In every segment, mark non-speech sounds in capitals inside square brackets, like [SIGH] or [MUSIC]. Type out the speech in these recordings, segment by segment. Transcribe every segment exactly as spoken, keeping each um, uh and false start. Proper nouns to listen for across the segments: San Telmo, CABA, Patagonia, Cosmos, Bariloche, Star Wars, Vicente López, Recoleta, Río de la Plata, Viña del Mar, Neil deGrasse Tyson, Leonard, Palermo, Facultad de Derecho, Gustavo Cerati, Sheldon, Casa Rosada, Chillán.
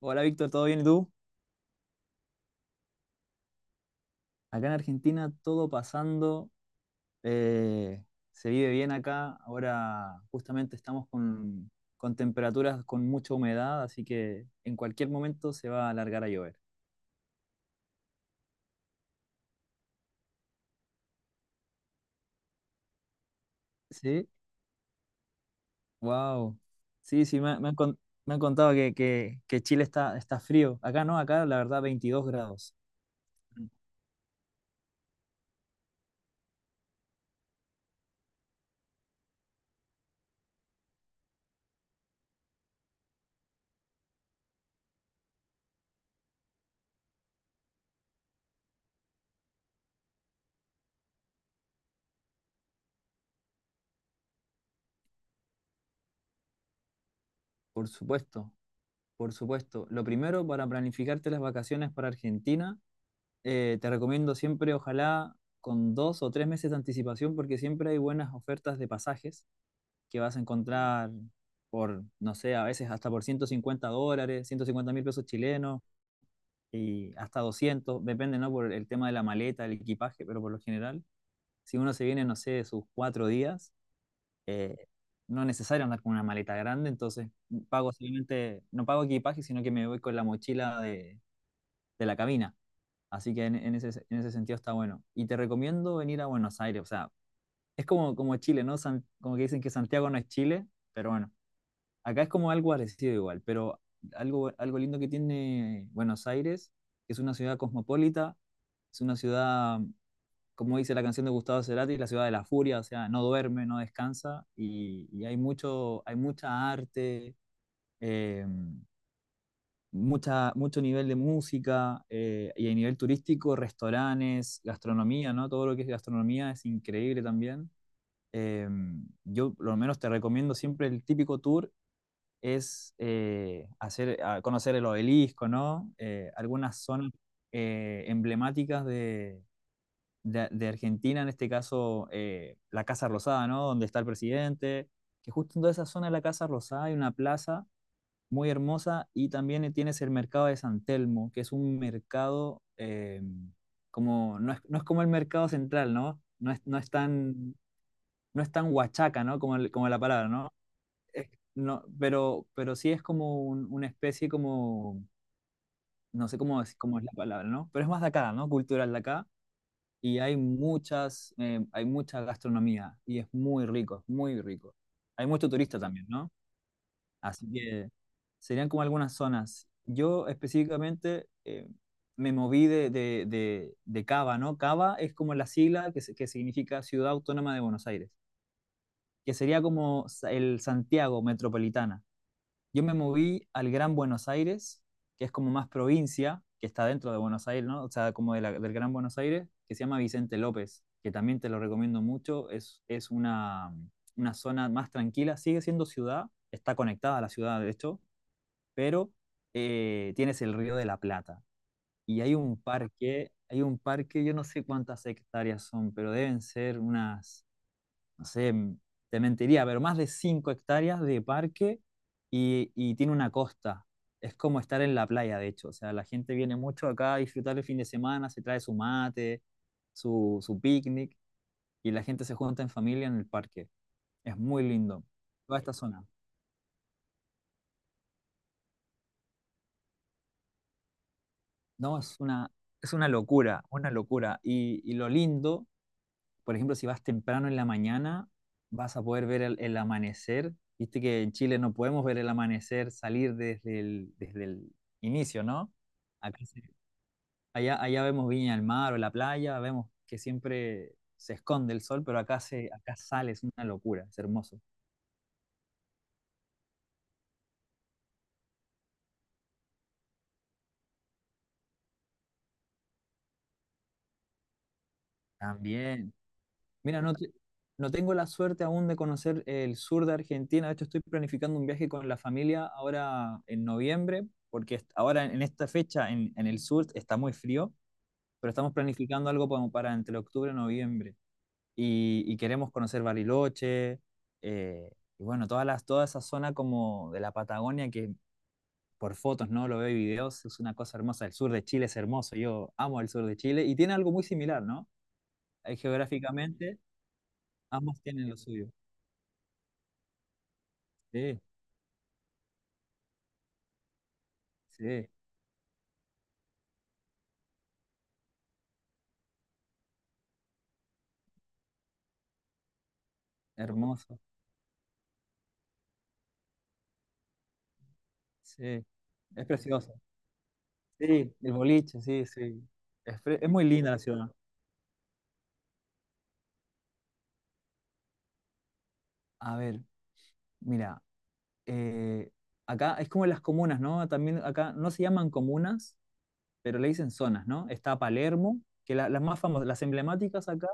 Hola Víctor, ¿todo bien y tú? Acá en Argentina todo pasando, eh, se vive bien acá. Ahora justamente estamos con, con temperaturas con mucha humedad, así que en cualquier momento se va a alargar a llover. Sí, wow. Sí, sí, me, me han, con- me han contado que, que- que Chile está, está frío. Acá no, acá la verdad veintidós grados. Por supuesto, por supuesto. Lo primero para planificarte las vacaciones para Argentina. Eh, te recomiendo siempre, ojalá, con dos o tres meses de anticipación, porque siempre hay buenas ofertas de pasajes que vas a encontrar por, no sé, a veces hasta por ciento cincuenta dólares, ciento cincuenta mil pesos chilenos, y hasta doscientos, depende, ¿no? Por el tema de la maleta, el equipaje, pero por lo general, si uno se viene, no sé, sus cuatro días, eh, no es necesario andar con una maleta grande. Entonces pago simplemente, no pago equipaje, sino que me voy con la mochila de de la cabina. Así que en, en ese, en ese sentido está bueno. Y te recomiendo venir a Buenos Aires. O sea, es como, como Chile, ¿no? San- como que dicen que Santiago no es Chile, pero bueno, acá es como algo parecido igual. Pero algo, algo lindo que tiene Buenos Aires, que es una ciudad cosmopolita, es una ciudad, como dice la canción de Gustavo Cerati, la ciudad de la furia. O sea, no duerme, no descansa, y, y hay mucho, hay mucha arte. eh, Mucha, mucho nivel de música, eh, y a nivel turístico, restaurantes, gastronomía, ¿no? Todo lo que es gastronomía es increíble también. Eh, yo por lo menos te recomiendo siempre el típico tour es eh, hacer, a conocer el obelisco, ¿no? Eh, algunas zonas eh, emblemáticas de, de- de Argentina, en este caso eh, la Casa Rosada, ¿no? Donde está el presidente, que justo en toda esa zona de la Casa Rosada hay una plaza muy hermosa. Y también eh, tienes el mercado de San Telmo, que es un mercado, eh, como, no es, no es como el mercado central, ¿no? No es, no es tan, no es tan huachaca, ¿no? Como el- como la palabra, ¿no? Es- no, pero, pero sí es como un- una especie como, no sé cómo es, cómo es la palabra, ¿no? Pero es más de acá, ¿no? Cultural de acá. Y hay muchas, eh, hay mucha gastronomía, y es muy rico, es muy rico. Hay mucho turista también, ¿no? Así que serían como algunas zonas. Yo específicamente eh, me moví de, de, de- de Cava, ¿no? Cava es como la sigla que, se- que significa Ciudad Autónoma de Buenos Aires, que sería como sa- el Santiago metropolitana. Yo me moví al Gran Buenos Aires, que es como más provincia, que está dentro de Buenos Aires, ¿no? O sea, como de la- del Gran Buenos Aires, que se llama Vicente López, que también te lo recomiendo mucho. Es, es una, una zona más tranquila, sigue siendo ciudad, está conectada a la ciudad, de hecho. Pero eh, tienes el Río de la Plata, y hay un parque, hay un parque, yo no sé cuántas hectáreas son, pero deben ser unas, no sé, m- te mentiría, pero más de cinco hectáreas de parque, y, y tiene una costa. Es como estar en la playa, de hecho. O sea, la gente viene mucho acá a disfrutar el fin de semana, se trae su mate, su, su picnic, y la gente se junta en familia en el parque. Es muy lindo. Toda esta zona. No, es una, es una locura, una locura. Y, y lo lindo, por ejemplo, si vas temprano en la mañana, vas a poder ver el, el amanecer. Viste que en Chile no podemos ver el amanecer salir desde el, desde el inicio, ¿no? Acá se- Allá, allá vemos Viña del Mar o la playa, vemos que siempre se esconde el sol, pero acá, se, acá sale, es una locura, es hermoso. También. Mira, no, te- no tengo la suerte aún de conocer el sur de Argentina. De hecho, estoy planificando un viaje con la familia ahora en noviembre, porque est- ahora en esta fecha en, en el sur está muy frío, pero estamos planificando algo como para entre octubre y noviembre. Y, y queremos conocer Bariloche, eh, y bueno, todas las, toda esa zona como de la Patagonia que por fotos, ¿no? Lo veo y videos, es una cosa hermosa. El sur de Chile es hermoso, yo amo el sur de Chile y tiene algo muy similar, ¿no? Eh, Geográficamente, ambos tienen lo suyo. Sí, sí, hermoso, sí, es precioso. Sí, el boliche, sí, sí. Es, pre- es muy linda la ciudad. A ver, mira, eh, acá es como las comunas, ¿no? También acá no se llaman comunas, pero le dicen zonas, ¿no? Está Palermo, que la- las más famosas, las emblemáticas acá.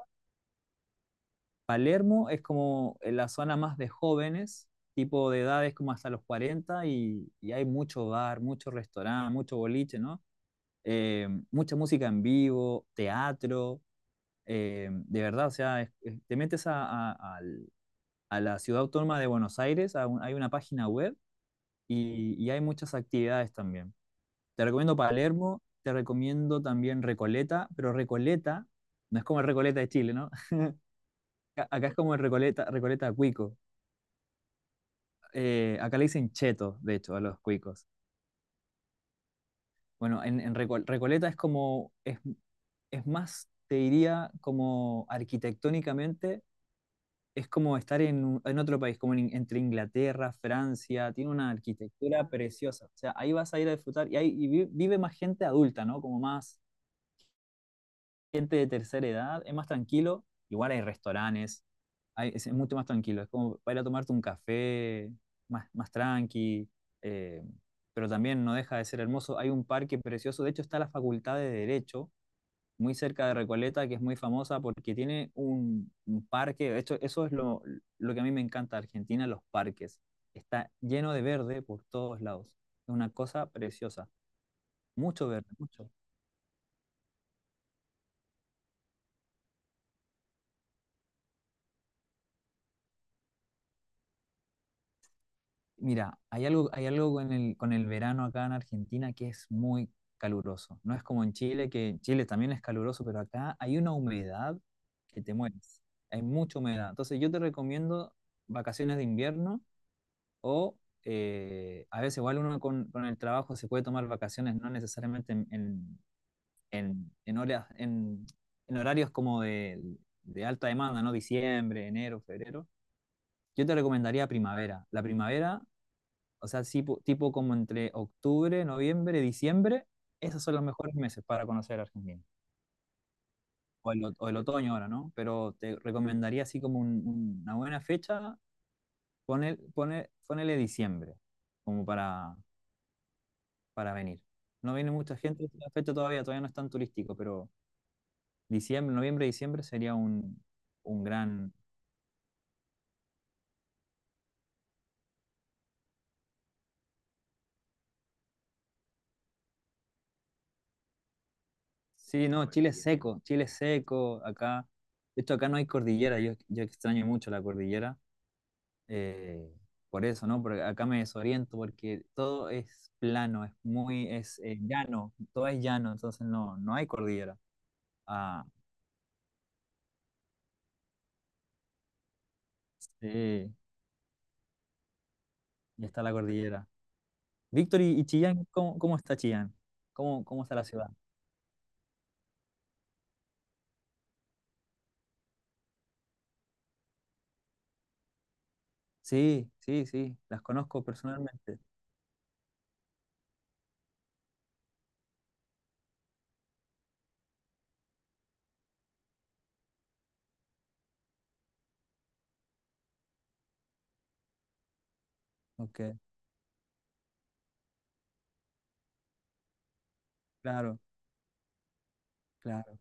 Palermo es como eh, la zona más de jóvenes, tipo de edades como hasta los cuarenta, y, y hay mucho bar, mucho restaurante, mucho boliche, ¿no? Eh, mucha música en vivo, teatro. Eh, de verdad, o sea, es- es- te metes a, a- al- a la ciudad autónoma de Buenos Aires, a un- hay una página web, y, y hay muchas actividades también. Te recomiendo Palermo, te recomiendo también Recoleta, pero Recoleta no es como el Recoleta de Chile, ¿no? [LAUGHS] Acá, acá es como el Recoleta, Recoleta Cuico. Eh, acá le dicen cheto, de hecho, a los cuicos. Bueno, en, en Reco- Recoleta es como, es, es más, te diría, como arquitectónicamente es como estar en, un- en otro país, como en In- entre Inglaterra, Francia. Tiene una arquitectura preciosa. O sea, ahí vas a ir a disfrutar, y, ahí, y vi- vive más gente adulta, ¿no? Como más gente de tercera edad, es más tranquilo. Igual hay restaurantes, hay- es, es mucho más tranquilo. Es como para ir a tomarte un café, más, más tranqui, eh, pero también no deja de ser hermoso. Hay un parque precioso, de hecho está la Facultad de Derecho muy cerca de Recoleta, que es muy famosa porque tiene un, un parque. Esto, eso es lo, lo que a mí me encanta de Argentina, los parques. Está lleno de verde por todos lados. Es una cosa preciosa. Mucho verde, mucho. Mira, hay algo, hay algo con el, con el verano acá en Argentina, que es muy caluroso. No es como en Chile, que en Chile también es caluroso, pero acá hay una humedad que te mueres. Hay mucha humedad. Entonces yo te recomiendo vacaciones de invierno. O eh, a veces igual uno con, con el trabajo se puede tomar vacaciones, no necesariamente en, en, en- en horas, en, en horarios como de, de alta demanda, ¿no? Diciembre, enero, febrero. Yo te recomendaría primavera. La primavera, o sea, tipo, tipo como entre octubre, noviembre, diciembre, esos son los mejores meses para conocer Argentina. O el, o- o el otoño ahora, ¿no? Pero te recomendaría así como un- un- una buena fecha, pone pone ponele diciembre, como para para venir. No viene mucha gente en la fecha todavía, todavía no es tan turístico, pero diciembre, noviembre, diciembre sería un, un gran... Sí, no, Chile es seco, Chile es seco, acá... De hecho, acá no hay cordillera, yo, yo extraño mucho la cordillera, eh, por eso, ¿no? Porque acá me desoriento, porque todo es plano, es muy, es eh, llano, todo es llano, entonces no, no hay cordillera. Ah, sí, y está la cordillera. Víctor, y, y Chillán, ¿cómo, cómo está Chillán? ¿Cómo, cómo está la ciudad? Sí, sí, sí, las conozco personalmente. Ok, claro, claro.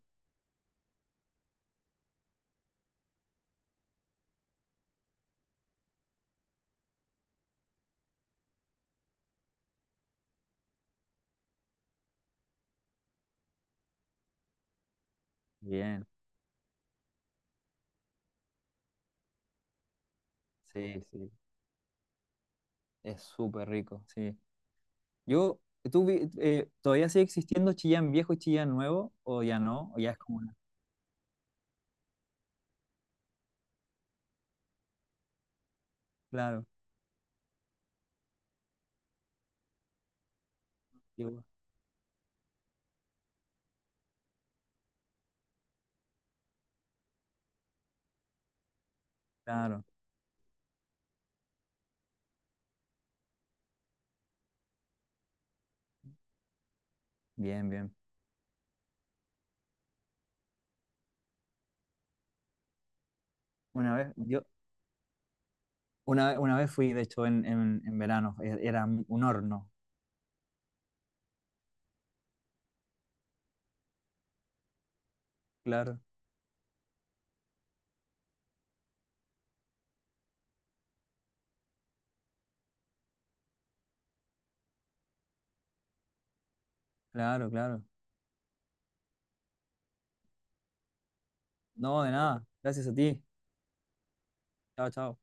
Bien, sí, sí, es súper rico, sí. Yo, ¿tú vi- eh, todavía sigue existiendo Chillán Viejo y Chillán Nuevo o ya no? ¿O ya es como una? Claro, digo, claro, bien, bien. Una vez, yo, una, ve- una vez fui, de hecho, en, en, en verano, e- era un horno. Claro, claro, claro. No, de nada, gracias a ti. Chao, chao.